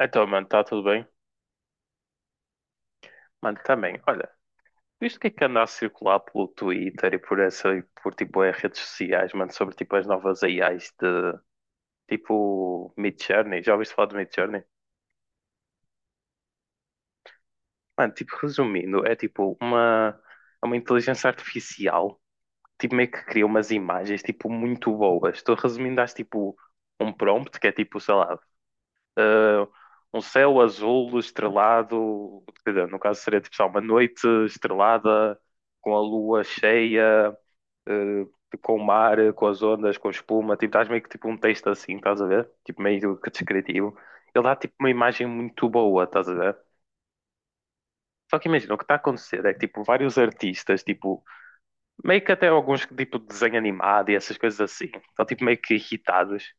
Então, mano, está tudo bem? Mano, também, olha, visto o que é que anda a circular pelo Twitter e por tipo as redes sociais, mano, sobre tipo as novas AIs de tipo Midjourney, já ouviste falar de Midjourney? Mano, tipo, resumindo, é uma inteligência artificial, tipo meio que cria umas imagens tipo muito boas. Estou resumindo, às tipo um prompt que é tipo, sei lá, eh, um céu azul estrelado, quer dizer, no caso seria tipo só uma noite estrelada com a lua cheia, eh, com o mar, com as ondas, com espuma, tipo, estás meio que tipo um texto assim, estás a ver? Tipo meio que descritivo. Ele dá tipo uma imagem muito boa, estás a ver? Só que imagina, o que está a acontecer é que tipo vários artistas, tipo, meio que até alguns que, tipo de desenho animado e essas coisas assim, estão tipo meio que irritados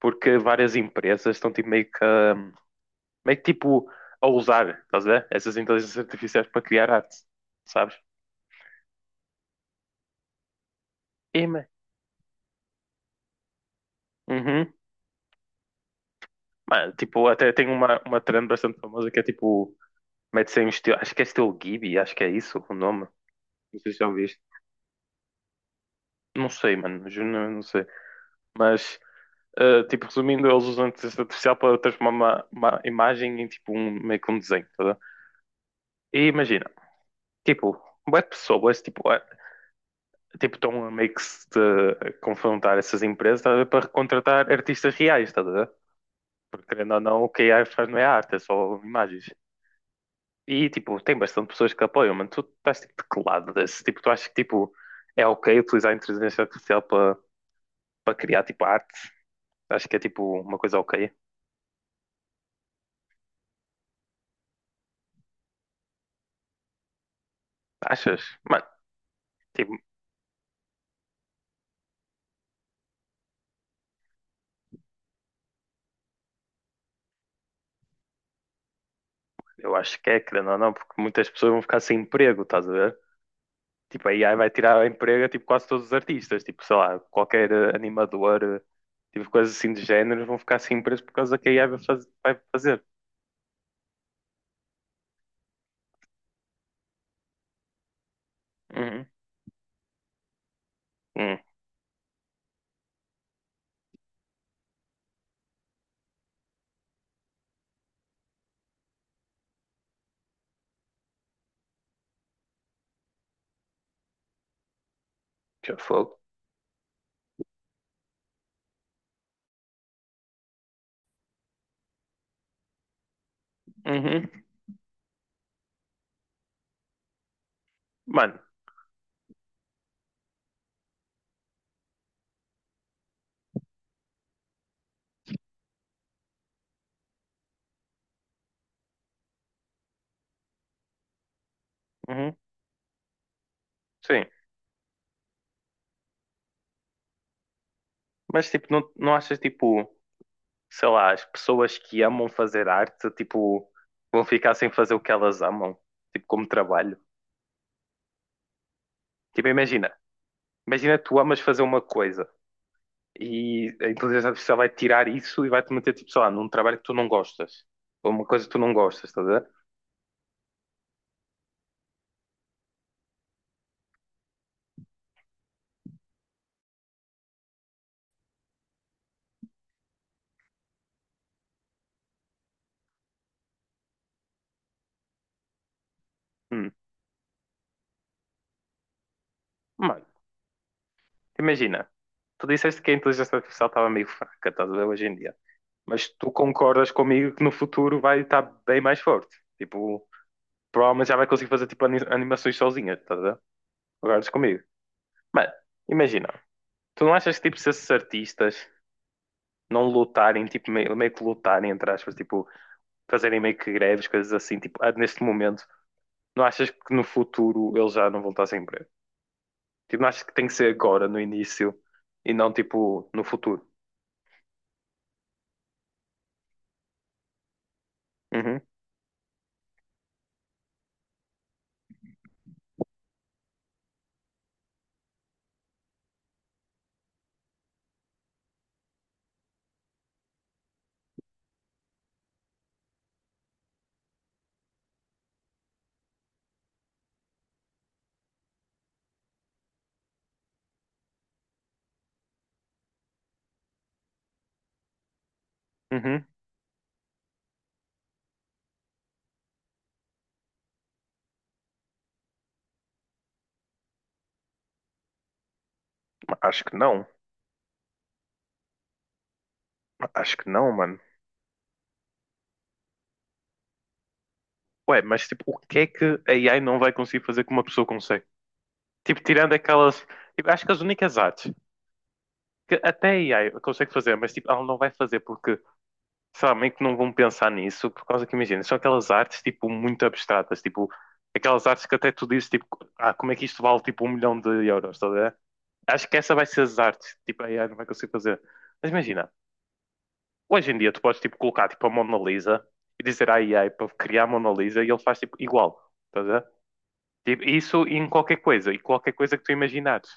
porque várias empresas estão tipo meio que a usar, estás a ver? Essas inteligências artificiais para criar arte, sabes? E, man, uhum. Mano, tipo, até tem uma trend bastante famosa que é tipo, mete-se em estilo, acho que é estilo Ghibli, acho que é isso o nome. Não sei se já ouviste. Não sei, mano, juro, não sei. Mas, tipo, resumindo, eles usam a inteligência artificial para transformar uma imagem em tipo um, meio que um desenho, tá a ver? E imagina, tipo, bué de pessoas, tipo, tipo, estão a meio que se confrontar essas empresas, tá a ver, para contratar artistas reais, tá a ver? Porque querendo ou não, o que a AI faz não é arte, é só imagens. E tipo, tem bastante pessoas que apoiam, mano. Tu estás tipo de que lado desse? Tipo, tu achas que tipo, é ok utilizar a inteligência artificial para criar tipo arte? Acho que é tipo uma coisa ok. Achas? Mano, tipo, eu acho que é, querendo ou não, porque muitas pessoas vão ficar sem emprego, estás a ver? Tipo, a AI vai tirar o emprego a tipo, quase todos os artistas, tipo, sei lá, qualquer animador, tipo, coisas assim de género, vão ficar sem emprego por causa que a AI vai fazer. Uhum. Hum, já fogo. Uhum. Mano, uhum, sim. Mas tipo, não, não achas tipo, sei lá, as pessoas que amam fazer arte, tipo, vão ficar sem fazer o que elas amam, tipo, como trabalho? Tipo, imagina, imagina tu amas fazer uma coisa e a inteligência artificial vai tirar isso e vai-te meter, tipo, sei lá, num trabalho que tu não gostas, ou uma coisa que tu não gostas, estás a ver? Hum. Mano, imagina, tu disseste que a inteligência artificial estava meio fraca, estás a ver, hoje em dia, mas tu concordas comigo que no futuro vai estar bem mais forte, tipo, provavelmente já vai conseguir fazer tipo animações sozinha, estás a ver? Concordas comigo? Mas, imagina, tu não achas que tipo se esses artistas não lutarem, tipo meio que lutarem, entre aspas, tipo fazerem meio que greves, coisas assim, tipo, ah, neste momento, não achas que no futuro eles já não vão estar sem emprego? Tipo, não achas que tem que ser agora, no início, e não tipo no futuro? Uhum, uhum. Acho que não, acho que não, mano. Ué, mas tipo, o que é que a AI não vai conseguir fazer que uma pessoa consegue? Tipo, tirando aquelas, tipo, acho que as únicas artes que até a AI consegue fazer, mas tipo, ela não vai fazer porque sabem que não vão pensar nisso, por causa que imagina, são aquelas artes tipo muito abstratas, tipo, aquelas artes que até tu dizes tipo, ah, como é que isto vale tipo um milhão de euros, tá a ver? Acho que essa vai ser as artes, tipo, a AI não vai conseguir fazer. Mas imagina, hoje em dia tu podes tipo colocar tipo a Mona Lisa e dizer à AI para criar a Mona Lisa e ele faz tipo igual, tá a ver? Tipo, isso em qualquer coisa, e qualquer coisa que tu imaginares.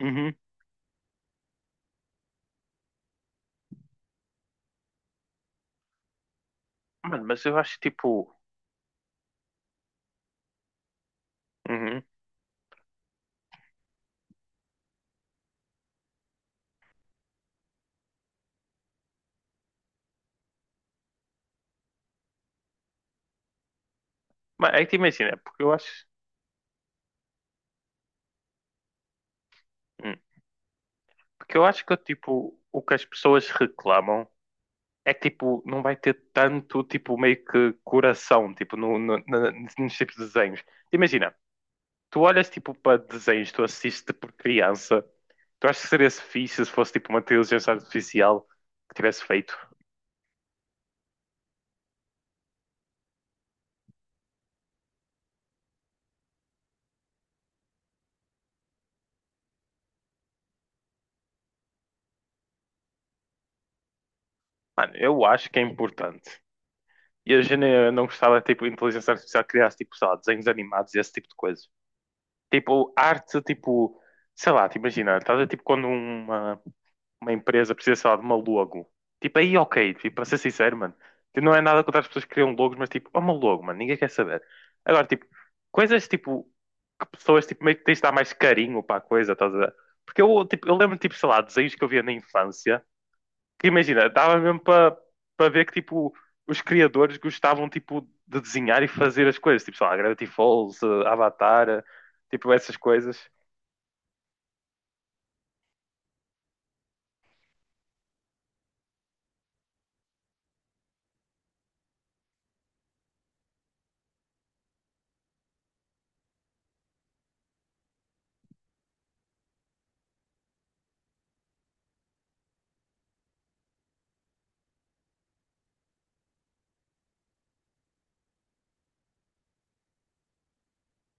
Uhum. Mano, mas eu acho tipo. Uhum. Mas aí te imagina, porque eu acho. Hum. Porque eu acho que, tipo, o que as pessoas reclamam é que, tipo, não vai ter tanto, tipo, meio que coração, tipo, no, no, na- nos tipos de desenhos. Imagina, tu olhas, tipo, para desenhos que tu assistes tipo, por criança. Tu achas que seria -se fixe se fosse tipo uma inteligência artificial que tivesse feito? Mano, eu acho que é importante. E a gente não gostava, tipo, de inteligência artificial que criasse, tipo, sei lá, desenhos animados e esse tipo de coisa. Tipo, arte, tipo, sei lá, te imagina, estás a ver, tipo, quando uma empresa precisa, sei lá, de uma logo. Tipo, aí ok, tipo, para ser sincero, mano. Tipo, não é nada contra as pessoas que criam logos, mas tipo, é uma logo, mano, ninguém quer saber. Agora, tipo, coisas tipo, que pessoas tipo, meio que tens de dar mais carinho para a coisa, estás a ver? Porque eu, tipo, eu lembro, tipo, sei lá, desenhos que eu via na infância, que imagina, dava mesmo para ver que, tipo, os criadores gostavam, tipo, de desenhar e fazer as coisas. Tipo, sei lá, Gravity Falls, Avatar, tipo, essas coisas.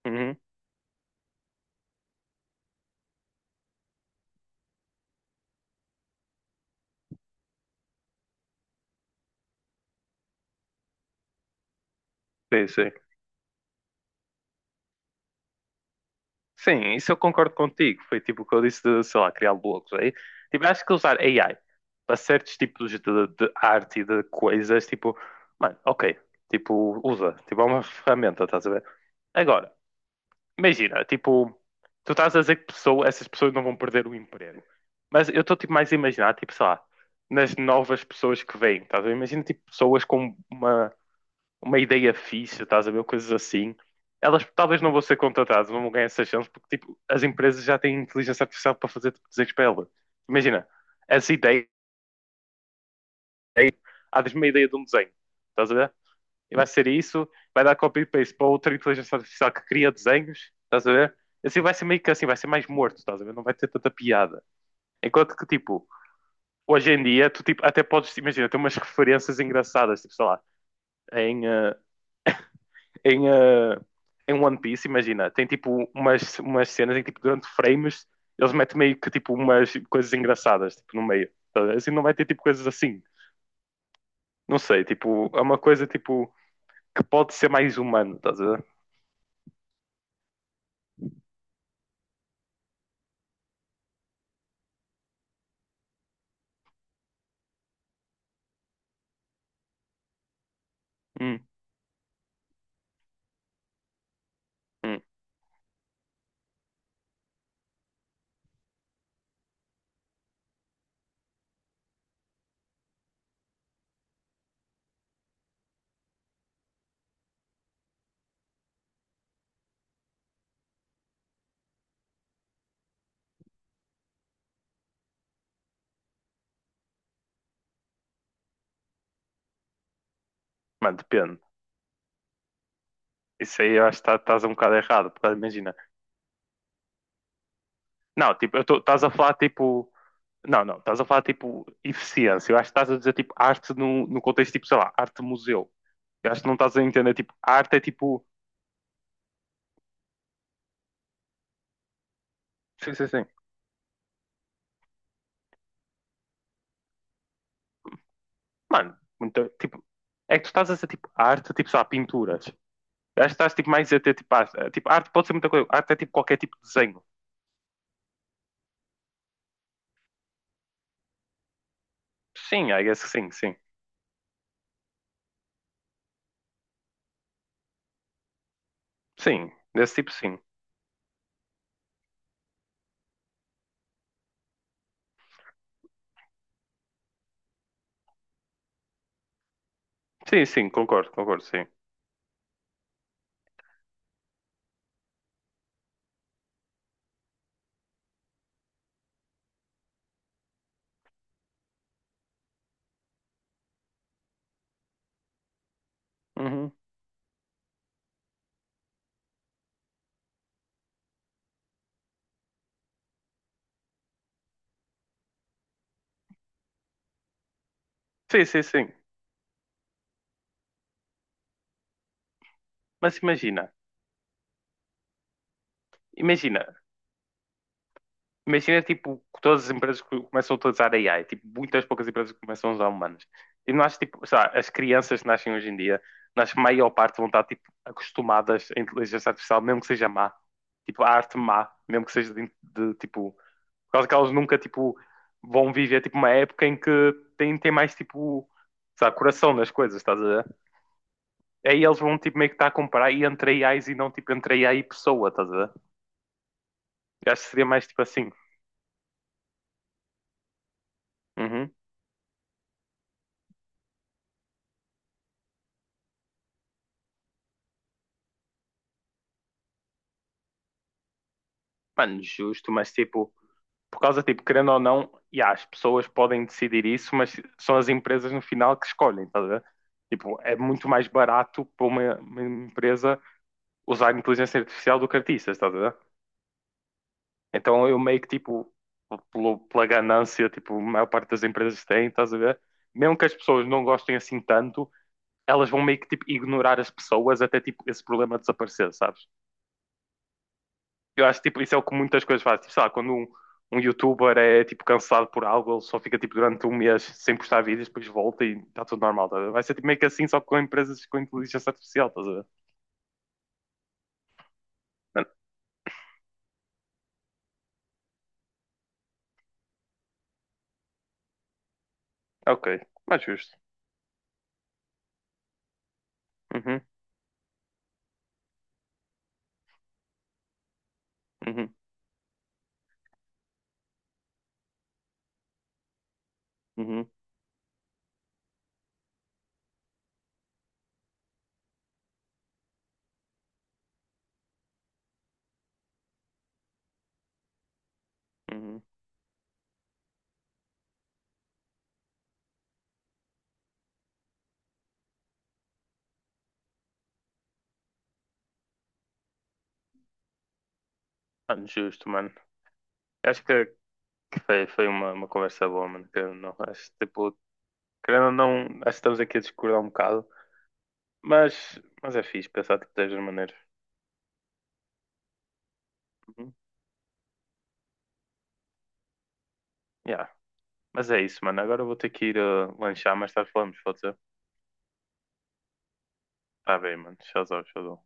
Uhum. Sim, sim. Sim, isso eu concordo contigo. Foi tipo o que eu disse de, sei lá, criar blocos aí. Tipo, acho que usar AI para certos tipos de arte e de coisas, tipo, mano, ok, tipo, usa, tipo, é uma ferramenta, estás a ver? Agora, imagina, tipo, tu estás a dizer que pessoa, essas pessoas não vão perder o emprego. Mas eu estou tipo mais a imaginar, tipo, sei lá, nas novas pessoas que vêm, estás a ver? Imagina tipo pessoas com uma ideia fixe, estás a ver? Coisas assim. Elas talvez não vão ser contratadas, não vão ganhar essa chance, porque tipo, as empresas já têm inteligência artificial para fazer tipo, desenhos para elas. Imagina, essa ideia, há uma ideia de um desenho, estás a ver? E vai ser isso, vai dar copy e paste para outra inteligência artificial que cria desenhos, estás a ver? Assim vai ser meio que assim, vai ser mais morto, estás a ver? Não vai ter tanta piada. Enquanto que, tipo, hoje em dia, tu tipo, até podes, imagina, ter umas referências engraçadas, tipo, sei lá, em, eh, em, uh, em One Piece, imagina, tem tipo umas cenas em que tipo, durante frames eles metem meio que tipo umas coisas engraçadas tipo, no meio. Tá? Assim não vai ter tipo coisas assim. Não sei, tipo, é uma coisa tipo que pode ser mais humano, estás a ver? Hum, hum. Mano, depende. Isso aí eu acho que estás um bocado errado, porque imagina. Não, tipo, estás a falar tipo. Não, não, estás a falar tipo eficiência. Eu acho que estás a dizer tipo arte no contexto tipo, sei lá, arte museu. Eu acho que não estás a entender, tipo, arte é tipo. Sim, sim, sim. Mano, muito, tipo, é que tu estás a dizer tipo arte, tipo, sei lá, pinturas. Eu acho que estás tipo mais a ter tipo arte. Tipo, arte pode ser muita coisa. Arte é tipo qualquer tipo de desenho. Sim, I guess que sim, sim. Sim, desse tipo sim. Sim, sim, concordo, concordo, sim. Uhum. Sim, sim, sim. Mas imagina, imagina, imagina, tipo, que todas as empresas que começam a utilizar AI, tipo, muitas poucas empresas que começam a usar humanos. E não acho, tipo, sei lá, as crianças que nascem hoje em dia, não acho que a maior parte vão estar, tipo, acostumadas à inteligência artificial, mesmo que seja má. Tipo, a arte má, mesmo que seja tipo, por causa que elas nunca, tipo, vão viver, tipo, uma época em que tem mais, tipo, sei lá, coração nas coisas, estás a ver? Aí eles vão, tipo, meio que estar a comparar e entre AIs e não, tipo, entre AI e pessoa, estás a ver? Eu acho que seria mais, tipo, assim. Uhum. Mano, justo, mas, tipo... Por causa, tipo, querendo ou não, e as pessoas podem decidir isso, mas são as empresas no final que escolhem, estás a ver? Tipo, é muito mais barato para uma empresa usar inteligência artificial do que artistas, estás a ver? Então eu meio que, tipo, pela ganância, tipo, a maior parte das empresas tem, estás a ver? Mesmo que as pessoas não gostem assim tanto, elas vão meio que, tipo, ignorar as pessoas até, tipo, esse problema desaparecer, sabes? Eu acho que tipo, isso é o que muitas coisas fazem. Tipo, sei lá, quando um youtuber é tipo cancelado por algo, ele só fica tipo durante um mês sem postar vídeos, depois volta e está tudo normal, tá a ver? Vai ser tipo, meio que assim, só que com empresas com inteligência artificial, estás a ver? Mano, é ok, mais justo. Uhum, uhum, uhum, uhum. Mano, justo, mano. Acho que foi, foi uma conversa boa, mano. Que eu não, acho, tipo, querendo ou não, acho que estamos aqui a discordar um bocado, mas é fixe pensar tipo, destas maneiras. Uhum. Yeah. Mas é isso, mano. Agora eu vou ter que ir lanchar, mais tarde falamos, pode ser? Está bem, mano. Tchauzão, tchauzão.